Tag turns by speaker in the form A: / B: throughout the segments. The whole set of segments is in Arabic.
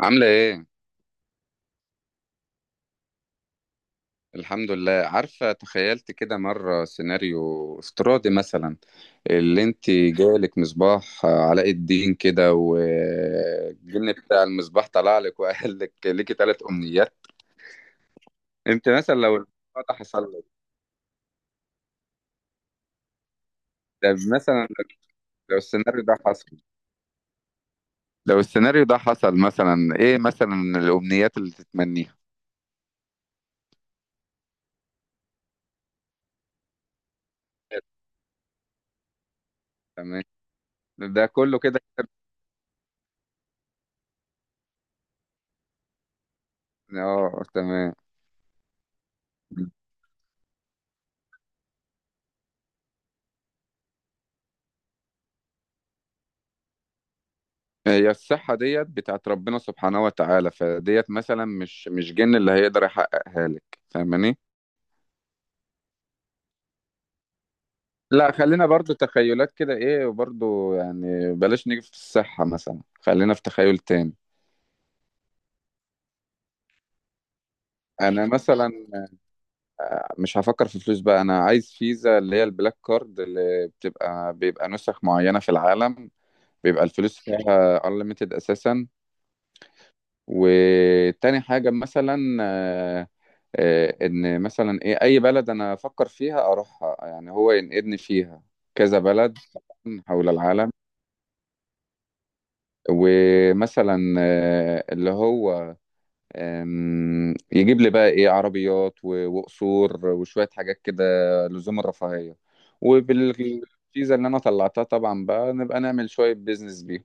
A: عاملة ايه؟ الحمد لله، عارفة تخيلت كده مرة سيناريو افتراضي مثلا. اللي انت جالك مصباح علاء الدين كده، والجن بتاع المصباح طلع لك وقال لك ليكي ثلاث امنيات. انت مثلا لو الموضوع ده حصل لك، ده مثلا، لو السيناريو ده حصل لو السيناريو ده حصل مثلا ايه، مثلا الامنيات اللي تتمنيها؟ تمام، ده كله كده. اه، تمام. هي الصحة ديت بتاعت ربنا سبحانه وتعالى فديت، مثلا مش جن اللي هيقدر يحققها لك، فاهماني. لا، خلينا برضو تخيلات كده ايه، وبرضو يعني بلاش نيجي في الصحة، مثلا خلينا في تخيل تاني. انا مثلا مش هفكر في فلوس بقى، انا عايز فيزا اللي هي البلاك كارد اللي بتبقى، بيبقى نسخ معينة في العالم، بيبقى الفلوس فيها unlimited اساسا. وتاني حاجة مثلا، آه، إن مثلا إيه أي بلد أنا أفكر فيها أروحها، يعني هو ينقلني فيها، كذا بلد حول العالم. ومثلا اللي هو، يجيب لي بقى ايه عربيات وقصور وشوية حاجات كده، لزوم الرفاهية. وبالفيزا اللي انا طلعتها طبعا بقى نبقى نعمل شوية بيزنس بيهم.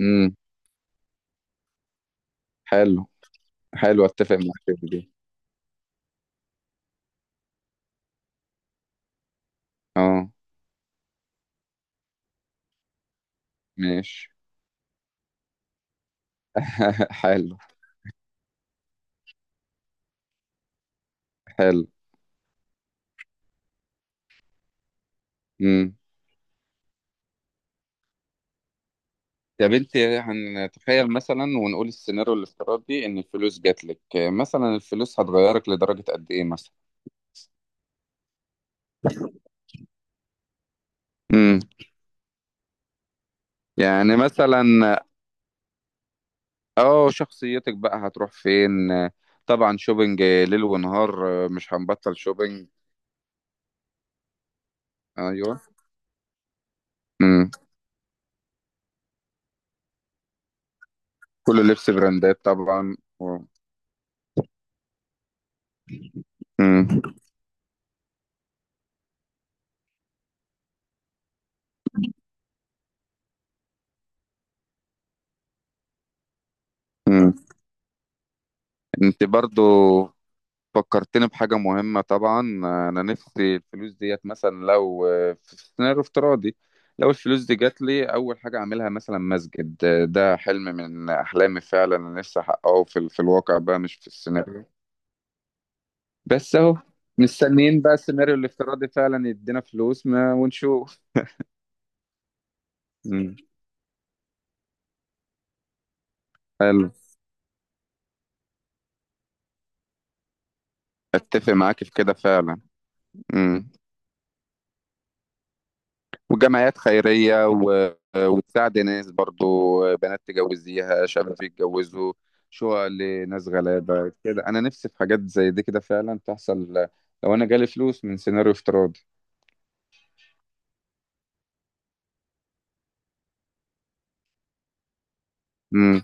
A: امم. حلو. حلو، اتفق معاك في دي. اه، ماشي. حلو. حلو. امم. طب انت، هنتخيل مثلا ونقول السيناريو الافتراضي، ان الفلوس جات لك مثلا، الفلوس هتغيرك لدرجة قد ايه مثلا؟ امم. يعني مثلا، اه شخصيتك بقى هتروح فين؟ طبعا شوبينج ليل ونهار، مش هنبطل شوبينج. ايوه. امم. كل لبس براندات طبعا امم. امم. انت برضو فكرتني بحاجة مهمة طبعا. أنا نفسي الفلوس ديت، مثلا لو في سيناريو افتراضي، لو الفلوس دي جات لي أول حاجة أعملها مثلا مسجد. ده حلم من أحلامي فعلا، أنا نفسي أحققه في الواقع بقى، مش في السيناريو، بس أهو. مستنيين بقى السيناريو الافتراضي فعلا يدينا فلوس ما، ونشوف. مم. حلو. أتفق معاك في كده فعلا. مم. وجمعيات خيرية وتساعد ناس برضو، بنات تجوزيها، شباب يتجوزوا، شقق لناس غلابة كده. أنا نفسي في حاجات زي دي كده فعلا تحصل لو أنا جالي فلوس من سيناريو افتراضي. مم.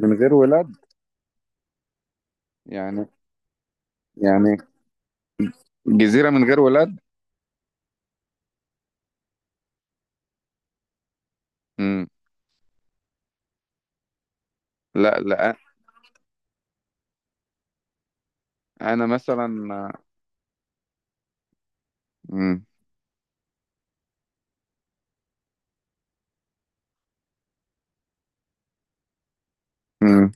A: من غير ولاد. يعني يعني جزيرة من غير ولاد. مم. لا، لا. أنا مثلا. مم. مم.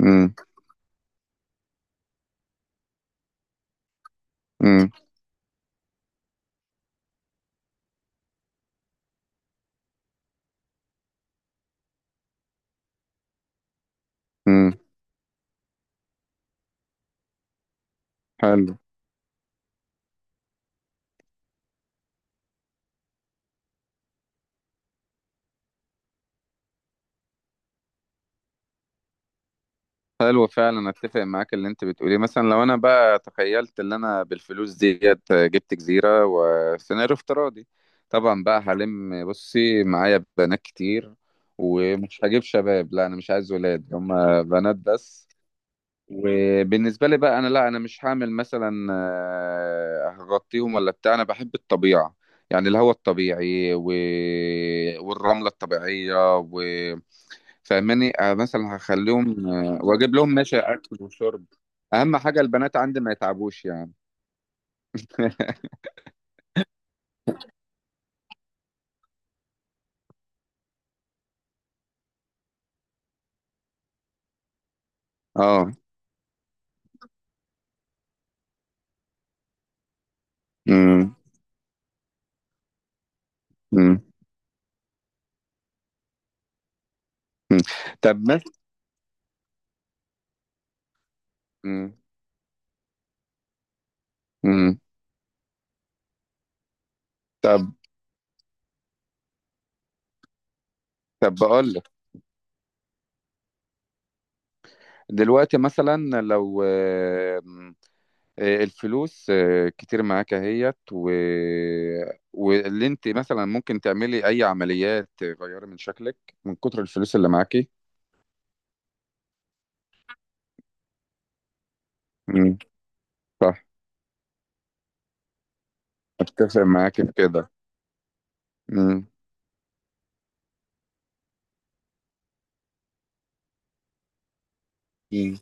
A: مم. مم. مم. حلو. حلو فعلا، اتفق معاك اللي انت بتقوليه. مثلا لو انا بقى تخيلت ان انا بالفلوس ديت جبت جزيرة وسيناريو افتراضي، طبعا بقى هلم بصي معايا بنات كتير، ومش هجيب شباب، لا انا مش عايز ولاد هم، بنات بس. وبالنسبة لي بقى انا، لا، انا مش هعمل مثلا هغطيهم ولا بتاع، انا بحب الطبيعة، يعني الهواء الطبيعي، و... والرملة الطبيعية، و... فاهماني. مثلا هخليهم، واجيب لهم ماشي اكل وشرب. اهم حاجه البنات عندي ما يتعبوش يعني. اه. امم. امم. أمم. طب مثلا. امم. طب طب بقول لك، دلوقتي مثلا لو الفلوس كتير معاك اهيت، و... واللي انت مثلا ممكن تعملي اي عمليات تغيري من شكلك من كتر الفلوس اللي معاكي. امم. صح، اتفق معاكي في كده. امم. امم.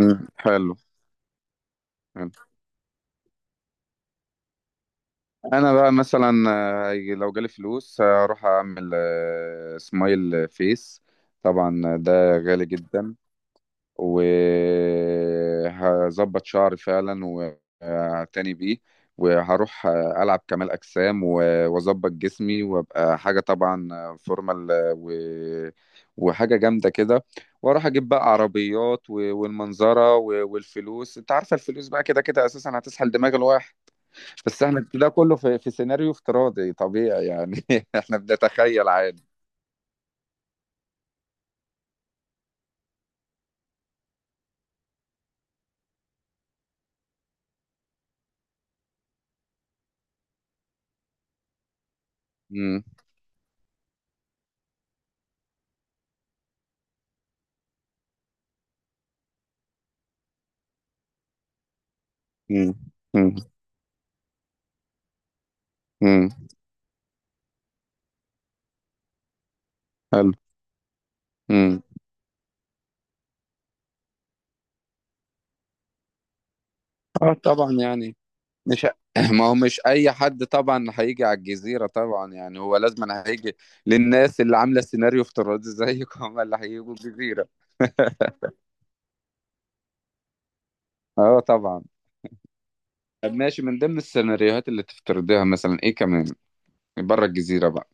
A: أمم. حلو. حلو. انا بقى مثلا لو جالي فلوس هروح اعمل سمايل فيس، طبعا ده غالي جدا، وهظبط شعري فعلا، وهعتني بيه، وهروح العب كمال اجسام، واظبط جسمي، وابقى حاجه طبعا فورمال، وحاجه جامده كده. واروح اجيب بقى عربيات والمنظره والفلوس، انت عارفه الفلوس بقى كده كده اساسا هتسحل دماغ الواحد. بس احنا ده كله في سيناريو افتراضي طبيعي يعني، احنا بنتخيل عادي. امم. امم. امم. امم. حلو. امم. اه طبعا يعني، مش ما هو مش اي حد طبعا هيجي على الجزيرة، طبعا يعني هو لازم، أنا هيجي للناس اللي عاملة سيناريو افتراضي زيك، هم اللي هيجوا الجزيرة. اه طبعا. طب ماشي، من ضمن السيناريوهات اللي تفترضيها مثلا ايه كمان بره الجزيرة بقى؟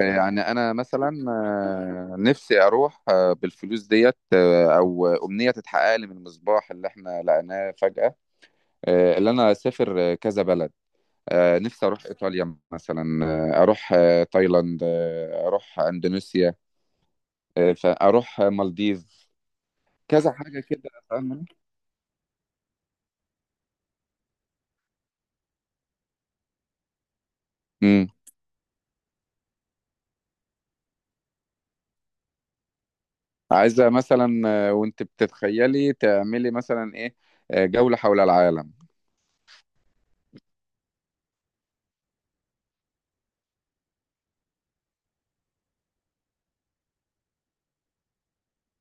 A: يعني انا مثلا نفسي اروح بالفلوس ديت، او امنيه تتحقق لي من المصباح اللي احنا لقيناه فجاه، اللي انا اسافر كذا بلد. نفسي اروح ايطاليا مثلا، اروح تايلاند، اروح اندونيسيا، فاروح مالديف، كذا حاجه كده فاهمه. امم. عايزه مثلا وانت بتتخيلي تعملي مثلا ايه، جوله حول العالم.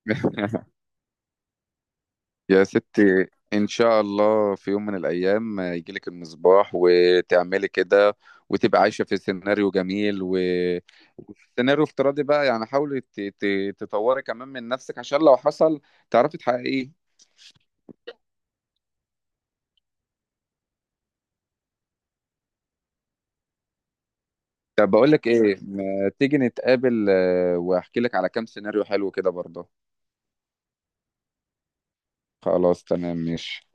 A: يا ستي، إن شاء الله في يوم من الأيام يجيلك المصباح وتعملي كده، وتبقى عايشة في سيناريو جميل، وسيناريو افتراضي بقى، يعني حاولي تطوري كمان من نفسك عشان لو حصل تعرفي تحققيه. طب بقول لك إيه، ما تيجي نتقابل وأحكي لك على كام سيناريو حلو كده برضه. خلاص، تمام، ماشي.